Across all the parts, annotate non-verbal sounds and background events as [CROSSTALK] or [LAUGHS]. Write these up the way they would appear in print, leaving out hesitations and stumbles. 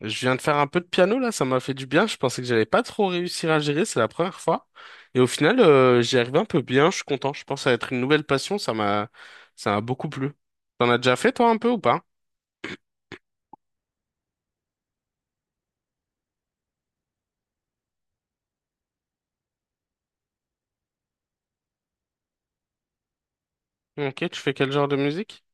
Je viens de faire un peu de piano là, ça m'a fait du bien. Je pensais que j'allais pas trop réussir à gérer, c'est la première fois. Et au final, j'y arrive un peu bien, je suis content. Je pense que ça va être une nouvelle passion, ça m'a beaucoup plu. T'en as déjà fait toi un peu ou pas? Ok, tu fais quel genre de musique?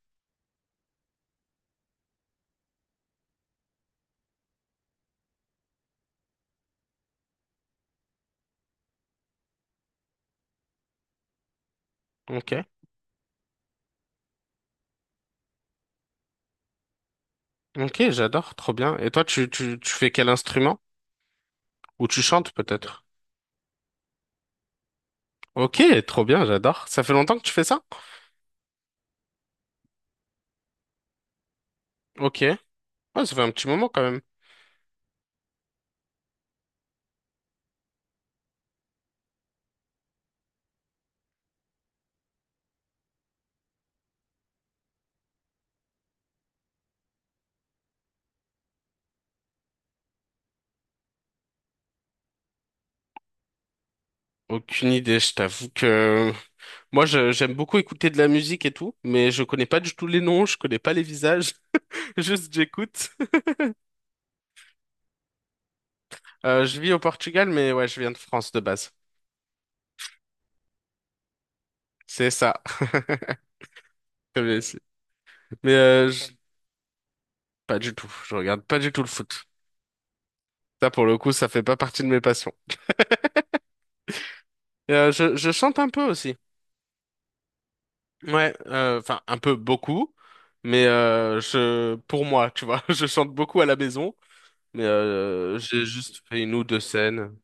Ok. Ok, j'adore, trop bien. Et toi, tu fais quel instrument? Ou tu chantes peut-être? Ok, trop bien, j'adore. Ça fait longtemps que tu fais ça? Ok. Ouais, ça fait un petit moment quand même. Aucune idée, je t'avoue que j'aime beaucoup écouter de la musique et tout, mais je connais pas du tout les noms, je connais pas les visages, [LAUGHS] juste j'écoute. Je vis au Portugal, mais ouais, je viens de France de base. C'est ça. [LAUGHS] Comme les- Mais euh, je- Pas du tout. Je regarde pas du tout le foot. Ça, pour le coup, ça fait pas partie de mes passions. Et, je chante un peu aussi. Ouais, enfin un peu beaucoup, je, pour moi, tu vois, [LAUGHS] je chante beaucoup à la maison, j'ai juste fait une ou deux scènes.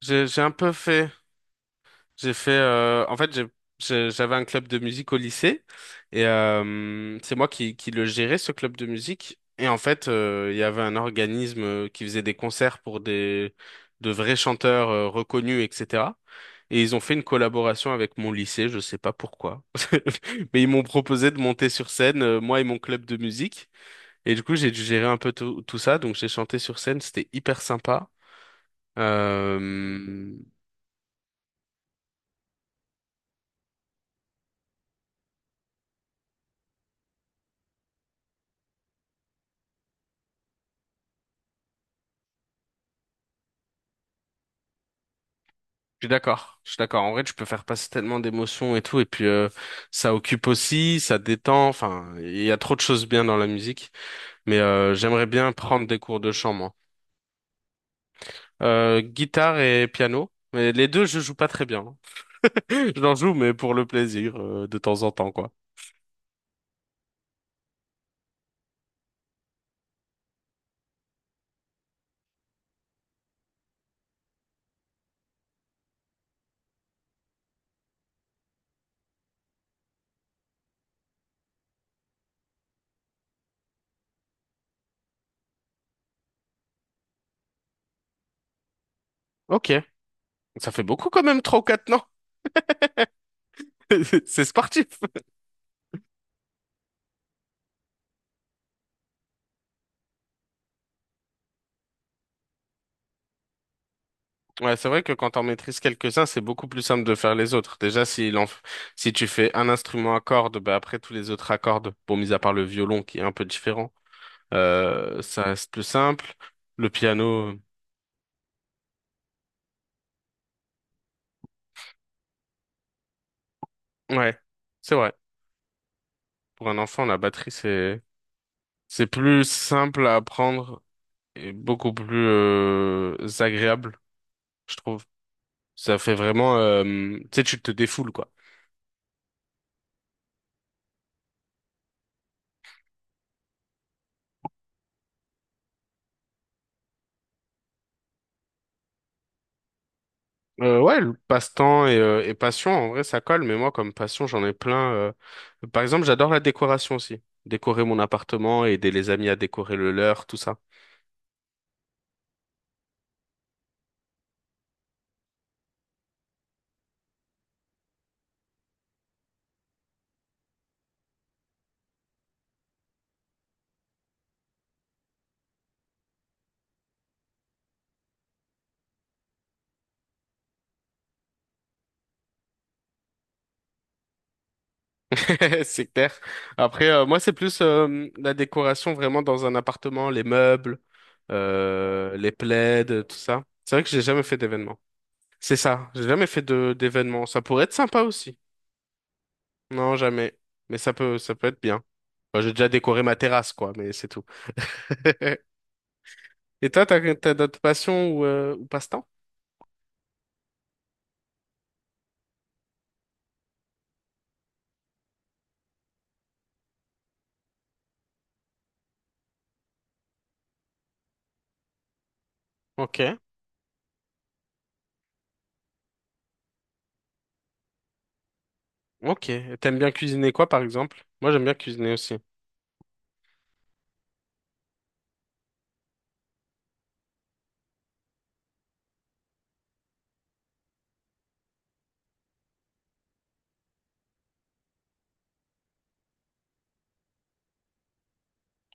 J'ai un peu fait. J'ai fait, en fait, j'avais un club de musique au lycée et c'est moi qui le gérais, ce club de musique. Et en fait, il y avait un organisme qui faisait des concerts pour des, de vrais chanteurs reconnus, etc. Et ils ont fait une collaboration avec mon lycée, je sais pas pourquoi. [LAUGHS] Mais ils m'ont proposé de monter sur scène, moi et mon club de musique. Et du coup, j'ai dû gérer un peu tout, tout ça. Donc, j'ai chanté sur scène, c'était hyper sympa. Euh, Je suis d'accord, je suis d'accord. En vrai, tu peux faire passer tellement d'émotions et tout, et puis ça occupe aussi, ça détend. Enfin, il y a trop de choses bien dans la musique, j'aimerais bien prendre des cours de chant, moi. Guitare et piano, mais les deux, je joue pas très bien. [LAUGHS] Je l'en joue, mais pour le plaisir, de temps en temps, quoi. Ok, ça fait beaucoup quand même, trois ou quatre, non? [LAUGHS] C'est sportif. Ouais, c'est vrai que quand on maîtrise quelques-uns, c'est beaucoup plus simple de faire les autres. Déjà, si tu fais un instrument à cordes, bah après tous les autres à cordes, bon, mis à part le violon qui est un peu différent, ça reste plus simple. Le piano, ouais, c'est vrai. Pour un enfant, la batterie, c'est plus simple à apprendre et beaucoup plus, agréable, je trouve. Ça fait vraiment, tu sais, tu te défoules, quoi. Ouais, le passe-temps et passion, en vrai, ça colle, mais moi, comme passion, j'en ai plein. Par exemple, j'adore la décoration aussi. Décorer mon appartement, aider les amis à décorer le leur, tout ça. [LAUGHS] C'est clair. Après, moi, c'est plus la décoration vraiment dans un appartement, les meubles, les plaids, tout ça. C'est vrai que j'ai jamais fait d'événement. C'est ça, j'ai jamais fait de d'événement. Ça pourrait être sympa aussi. Non, jamais. Mais ça peut être bien. Enfin, j'ai déjà décoré ma terrasse, quoi, mais c'est tout. [LAUGHS] Et toi, t'as d'autres passions ou passe-temps? Ok. Ok. Et t'aimes bien cuisiner quoi, par exemple? Moi, j'aime bien cuisiner aussi.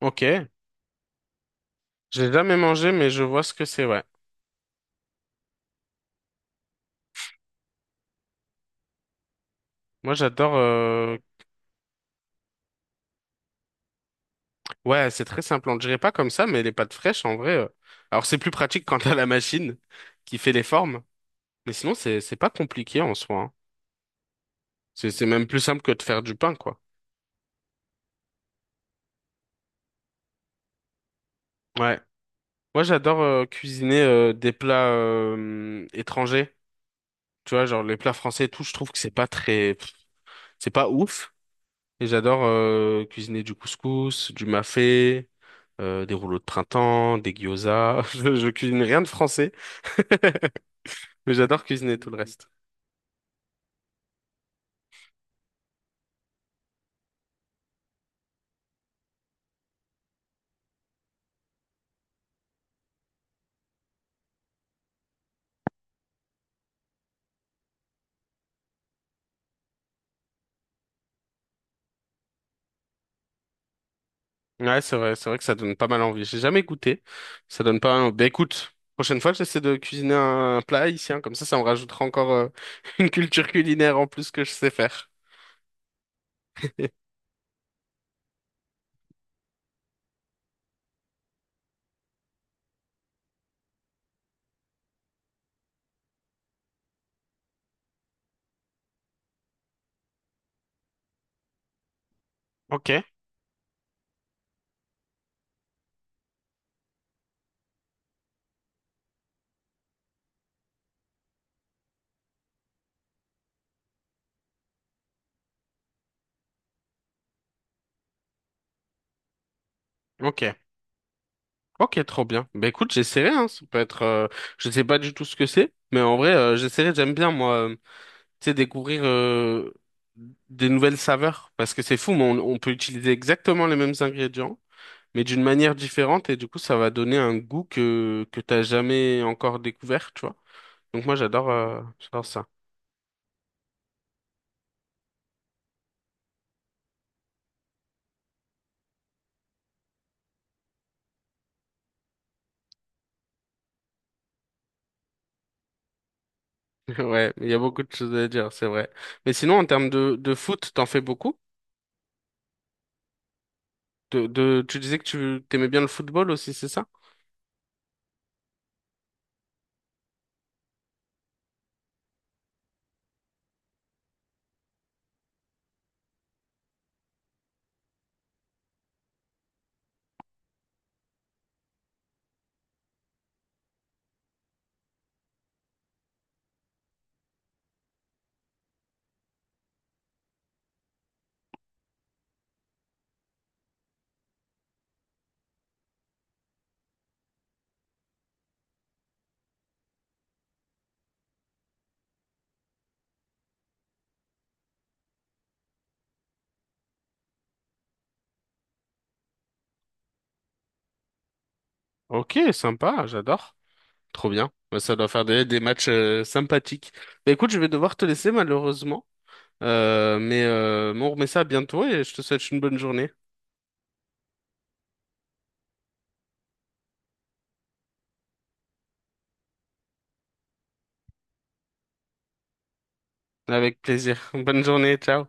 Ok. J'ai jamais mangé, mais je vois ce que c'est, ouais. Moi, j'adore. Ouais, c'est très simple. On ne dirait pas comme ça, mais les pâtes fraîches, en vrai. Alors, c'est plus pratique quand t'as la machine qui fait les formes. Mais sinon, c'est pas compliqué en soi. Hein. C'est même plus simple que de faire du pain, quoi. Ouais. Moi, j'adore cuisiner des plats étrangers. Tu vois, genre les plats français et tout, je trouve que c'est pas très... pff, c'est pas ouf. Et j'adore cuisiner du couscous, du mafé, des rouleaux de printemps, des gyozas. [LAUGHS] Je cuisine rien de français, [LAUGHS] mais j'adore cuisiner tout le reste. Ouais, c'est vrai que ça donne pas mal envie. J'ai jamais goûté. Ça donne pas mal envie. Bah écoute, prochaine fois, j'essaie de cuisiner un plat haïtien. Comme ça me rajoutera encore [LAUGHS] une culture culinaire en plus que je sais faire. [LAUGHS] Ok, ok. Ok, trop bien. Bah écoute, j'essaierai, hein. Ça peut être, je sais pas du tout ce que c'est, mais en vrai, j'essaierai. J'aime bien moi, tu sais, découvrir des nouvelles saveurs parce que c'est fou, mais on peut utiliser exactement les mêmes ingrédients, mais d'une manière différente et du coup, ça va donner un goût que t'as jamais encore découvert, tu vois. Donc moi, j'adore, j'adore ça. [LAUGHS] Ouais, il y a beaucoup de choses à dire, c'est vrai. Mais sinon, en termes de foot, t'en fais beaucoup? Tu disais que tu t'aimais bien le football aussi, c'est ça? Ok, sympa, j'adore. Trop bien. Ouais, ça doit faire des matchs sympathiques. Bah, écoute, je vais devoir te laisser malheureusement. Mais on remet ça bientôt et je te souhaite une bonne journée. Avec plaisir. [LAUGHS] Bonne journée, ciao.